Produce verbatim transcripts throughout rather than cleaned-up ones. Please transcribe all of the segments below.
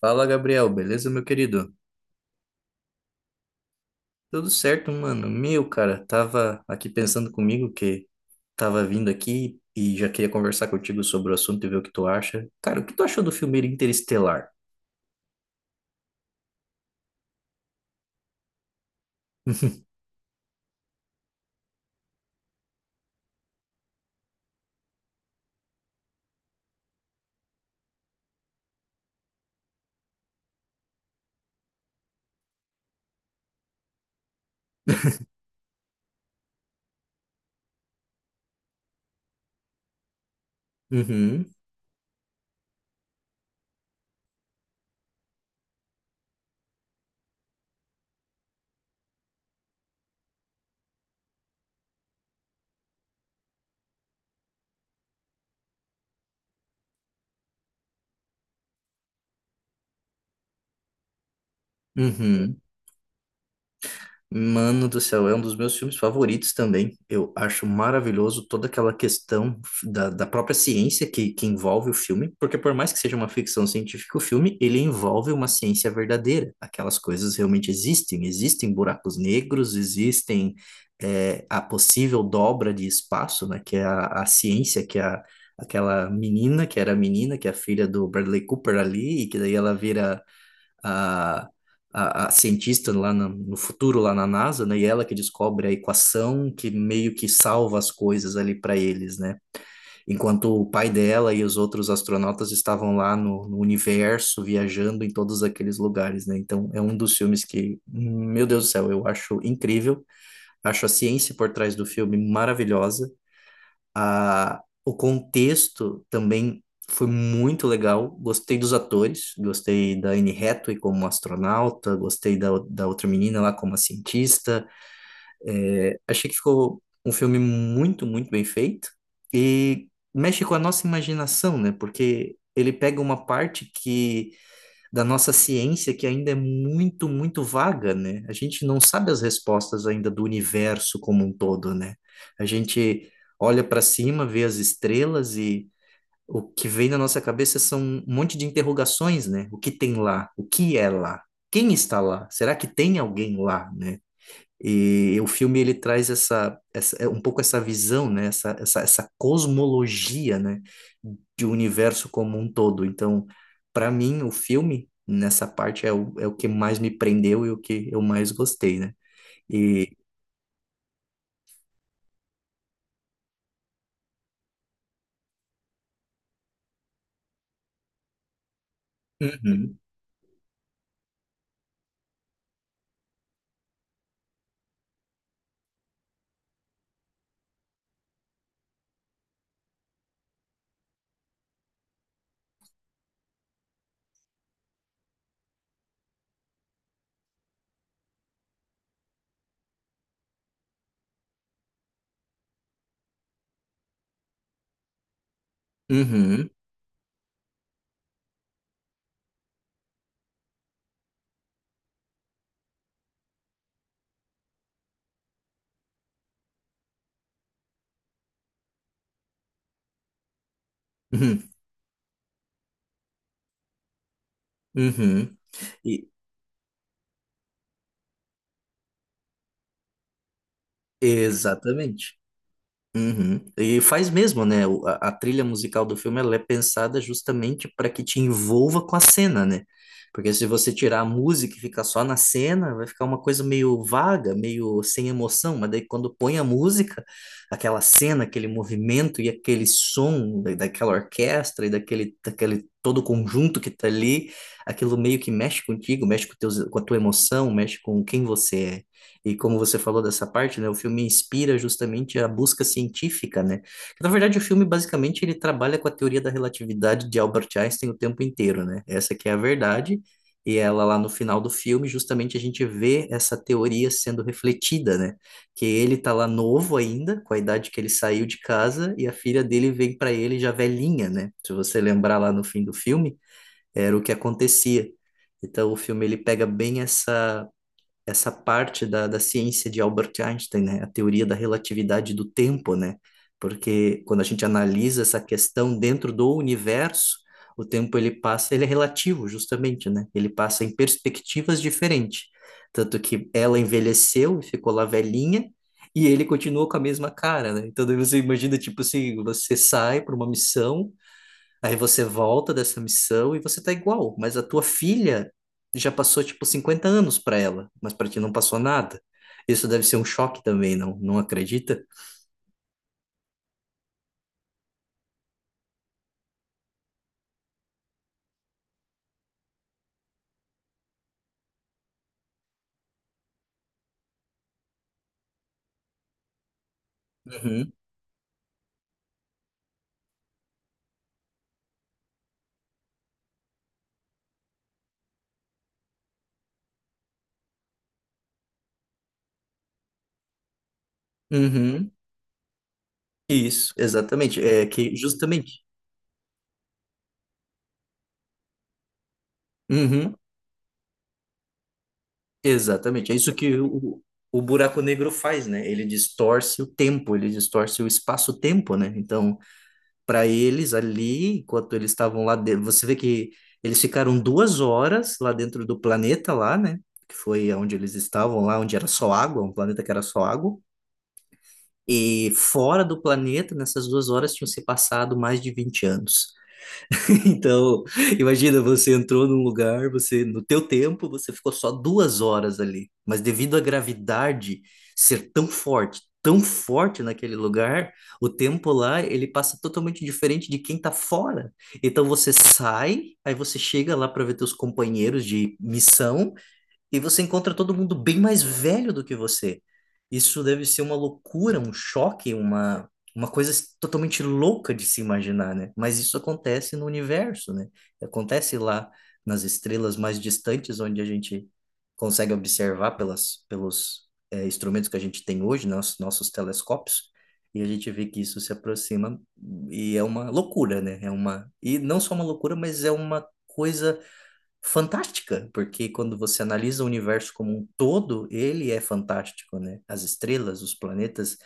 Fala, Gabriel, beleza, meu querido? Tudo certo, mano? Meu, cara, tava aqui pensando comigo que tava vindo aqui e já queria conversar contigo sobre o assunto e ver o que tu acha. Cara, o que tu achou do filme Interestelar? Uhum, uhum. Mano do céu, é um dos meus filmes favoritos também. Eu acho maravilhoso toda aquela questão da, da própria ciência que, que envolve o filme, porque por mais que seja uma ficção científica, o filme ele envolve uma ciência verdadeira. Aquelas coisas realmente existem, existem buracos negros, existem é, a possível dobra de espaço, né? Que é a, a ciência, que é a, aquela menina que era a menina, que é a filha do Bradley Cooper ali, e que daí ela vira a, a, a cientista lá na- no futuro, lá na NASA, né? E ela que descobre a equação que meio que salva as coisas ali para eles, né? Enquanto o pai dela e os outros astronautas estavam lá no, no universo, viajando em todos aqueles lugares, né? Então é um dos filmes que, meu Deus do céu, eu acho incrível. Acho a ciência por trás do filme maravilhosa. A, o contexto também foi muito legal. Gostei dos atores, gostei da Anne Hathaway como astronauta, gostei da, da outra menina lá como a cientista. É, Achei que ficou um filme muito, muito bem feito e mexe com a nossa imaginação, né? Porque ele pega uma parte que da nossa ciência que ainda é muito, muito vaga, né? A gente não sabe as respostas ainda do universo como um todo, né? A gente olha para cima, vê as estrelas e o que vem na nossa cabeça são um monte de interrogações, né? O que tem lá? O que é lá? Quem está lá? Será que tem alguém lá, né? E o filme ele traz essa, essa é um pouco essa visão, né? Essa, essa, essa cosmologia, né? De um universo como um todo. Então, para mim, o filme nessa parte é o, é o que mais me prendeu e o que eu mais gostei, né? E Uhum, uhum, uhum, uhum. E, exatamente. Uhum. E faz mesmo, né? O- A, a trilha musical do filme ela é pensada justamente para que te envolva com a cena, né? Porque se você tirar a música e ficar só na cena, vai ficar uma coisa meio vaga, meio sem emoção. Mas daí quando põe a música, aquela cena, aquele movimento e aquele som da- daquela orquestra e daquele, daquele todo conjunto que tá ali, aquilo meio que mexe contigo, mexe com, teus, com a tua emoção, mexe com quem você é. E como você falou dessa parte, né, o filme inspira justamente a busca científica, né? Na verdade, o filme basicamente ele trabalha com a teoria da relatividade de Albert Einstein o tempo inteiro, né? Essa que é a verdade, e ela lá no final do filme, justamente a gente vê essa teoria sendo refletida, né? Que ele tá lá novo ainda, com a idade que ele saiu de casa, e a filha dele vem para ele já velhinha, né? Se você lembrar lá no fim do filme, era o que acontecia. Então o filme ele pega bem essa essa parte da, da ciência de Albert Einstein, né? A teoria da relatividade do tempo, né? Porque quando a gente analisa essa questão dentro do universo, o tempo ele passa, ele é relativo, justamente, né? Ele passa em perspectivas diferentes. Tanto que ela envelheceu e ficou lá velhinha, e ele continuou com a mesma cara, né? Então daí você imagina, tipo assim, você sai para uma missão. Aí você volta dessa missão e você tá igual, mas a tua filha já passou tipo cinquenta anos para ela, mas para ti não passou nada. Isso deve ser um choque também, não? Não acredita? Uhum. Uhum. Isso, exatamente. É que justamente. Uhum. Exatamente. É isso que o, o buraco negro faz, né? Ele distorce o tempo, ele distorce o espaço-tempo, né? Então, para eles ali, enquanto eles estavam lá dentro. Você vê que eles ficaram duas horas lá dentro do planeta lá, né? Que foi onde eles estavam lá, onde era só água, um planeta que era só água. E fora do planeta, nessas duas horas, tinham se passado mais de vinte anos. Então, imagina, você entrou num lugar, você, no teu tempo, você ficou só duas horas ali, mas devido à gravidade ser tão forte, tão forte naquele lugar, o tempo lá, ele passa totalmente diferente de quem tá fora. Então você sai, aí você chega lá para ver teus companheiros de missão, e você encontra todo mundo bem mais velho do que você. Isso deve ser uma loucura, um choque, uma, uma coisa totalmente louca de se imaginar, né? Mas isso acontece no universo, né? Acontece lá nas estrelas mais distantes, onde a gente consegue observar pelas, pelos, eh, instrumentos que a gente tem hoje, nos, nossos telescópios. E a gente vê que isso se aproxima e é uma loucura, né? É uma, e não só uma loucura, mas é uma coisa fantástica, porque quando você analisa o universo como um todo, ele é fantástico, né? As estrelas, os planetas,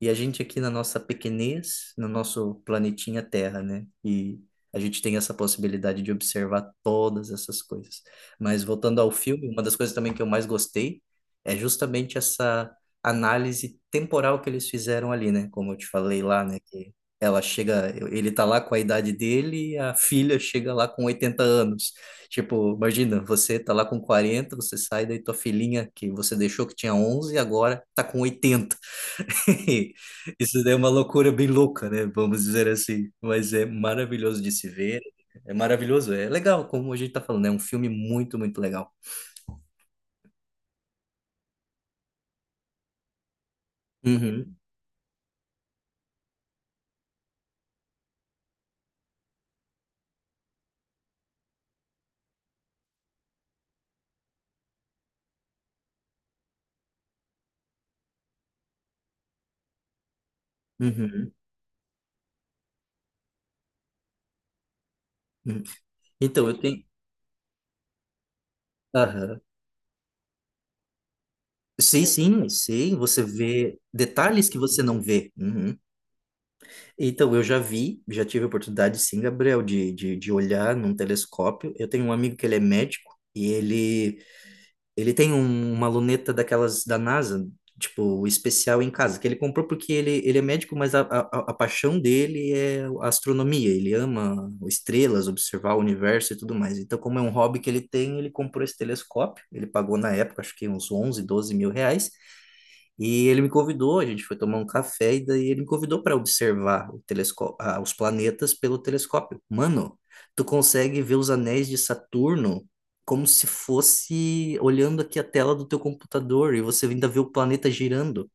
e a gente aqui na nossa pequenez, no nosso planetinha Terra, né? E a gente tem essa possibilidade de observar todas essas coisas. Mas voltando ao filme, uma das coisas também que eu mais gostei é justamente essa análise temporal que eles fizeram ali, né? Como eu te falei lá, né? Que ela chega, ele tá lá com a idade dele e a filha chega lá com oitenta anos. Tipo, imagina, você tá lá com quarenta, você sai, daí tua filhinha que você deixou que tinha onze, agora tá com oitenta. Isso daí é uma loucura bem louca, né? Vamos dizer assim. Mas é maravilhoso de se ver. É maravilhoso, é legal, como a gente tá falando, é um filme muito, muito legal. Uhum, uhum, uhum. Então, eu tenho. Aham. Sim, sim, sim. Você vê detalhes que você não vê. Uhum. Então, eu já vi, já tive a oportunidade, sim, Gabriel, de, de, de olhar num telescópio. Eu tenho um amigo que ele é médico e ele Ele tem um- uma luneta daquelas da NASA, tipo, especial em casa, que ele comprou porque ele, ele é médico, mas a, a, a paixão dele é a astronomia. Ele ama estrelas, observar o universo e tudo mais. Então, como é um hobby que ele tem, ele comprou esse telescópio. Ele pagou na época, acho que uns onze, doze mil reais. E ele me convidou, a gente foi tomar um café e daí ele me convidou para observar o telescópio, ah, os planetas pelo telescópio. Mano, tu consegue ver os anéis de Saturno como se fosse olhando aqui a tela do teu computador e você ainda vê o planeta girando.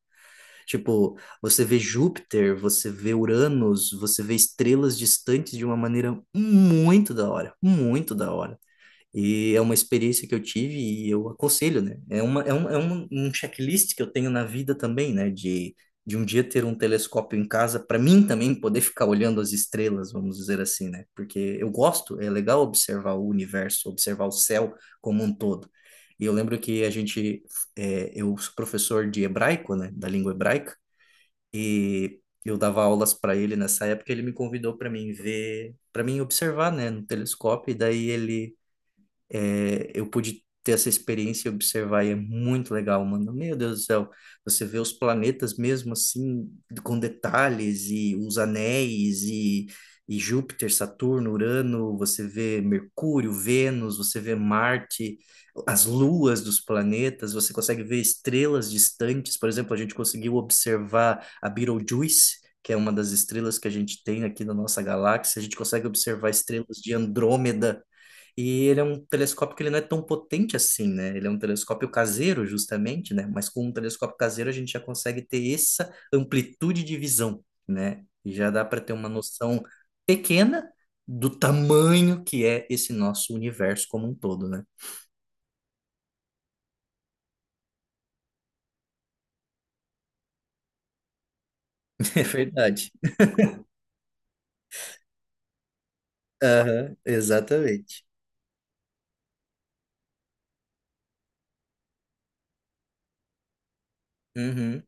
Tipo, você vê Júpiter, você vê Uranus, você vê estrelas distantes de uma maneira muito da hora, muito da hora. E é uma experiência que eu tive e eu aconselho, né? É uma, é um, é um, um checklist que eu tenho na vida também, né? De, de um dia ter um telescópio em casa, para mim também poder ficar olhando as estrelas, vamos dizer assim, né? Porque eu gosto, é legal observar o universo, observar o céu como um todo. E eu lembro que a gente, é, eu sou professor de hebraico, né? Da língua hebraica, e eu dava aulas para ele nessa época, ele me convidou para mim ver, para mim observar, né? No telescópio, e daí ele é, eu pude ter essa experiência e observar, e é muito legal, mano. Meu Deus do céu, você vê os planetas mesmo assim, com detalhes, e os anéis, e, e Júpiter, Saturno, Urano, você vê Mercúrio, Vênus, você vê Marte, as luas dos planetas, você consegue ver estrelas distantes. Por exemplo, a gente conseguiu observar a Betelgeuse. Que é uma das estrelas que a gente tem aqui na nossa galáxia, a gente consegue observar estrelas de Andrômeda, e ele é um telescópio que ele não é tão potente assim, né? Ele é um telescópio caseiro, justamente, né? Mas com um telescópio caseiro a gente já consegue ter essa amplitude de visão, né? E já dá para ter uma noção pequena do tamanho que é esse nosso universo como um todo, né? É verdade. Aham, exatamente. Uhum,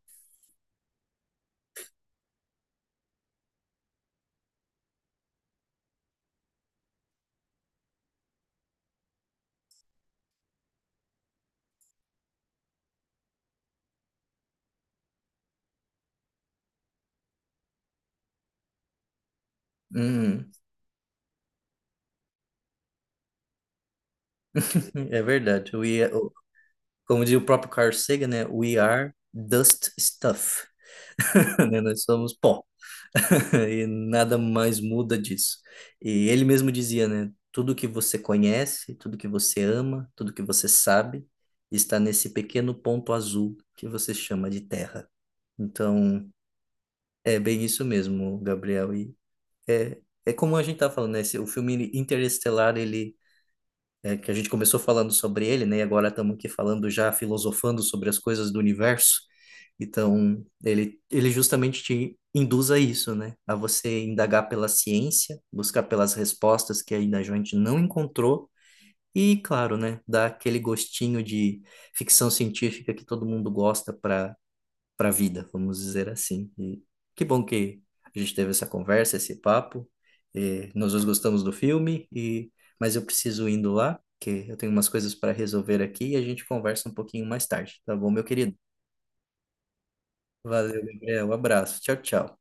uhum. É verdade. We, are- o- como diz o próprio Carl Sagan, né? We are dust stuff, né? Nós somos pó. E nada mais muda disso. E ele mesmo dizia, né? Tudo que você conhece, tudo que você ama, tudo que você sabe, está nesse pequeno ponto azul que você chama de terra. Então, é bem isso mesmo, Gabriel. E é, é como a gente tá falando, né? esse- O filme Interestelar, ele é, que a gente começou falando sobre ele, né? E agora estamos aqui falando já filosofando sobre as coisas do universo. Então, ele, ele justamente te induz a isso, né? A você indagar pela ciência, buscar pelas respostas que ainda a gente não encontrou. E, claro, né? Dar aquele gostinho de ficção científica que todo mundo gosta para para a vida, vamos dizer assim. E que bom que a gente teve essa conversa, esse papo. E nós dois gostamos do filme, e mas eu preciso indo lá, que eu tenho umas coisas para resolver aqui e a gente conversa um pouquinho mais tarde, tá bom, meu querido? Valeu, Gabriel. Um abraço. Tchau, tchau.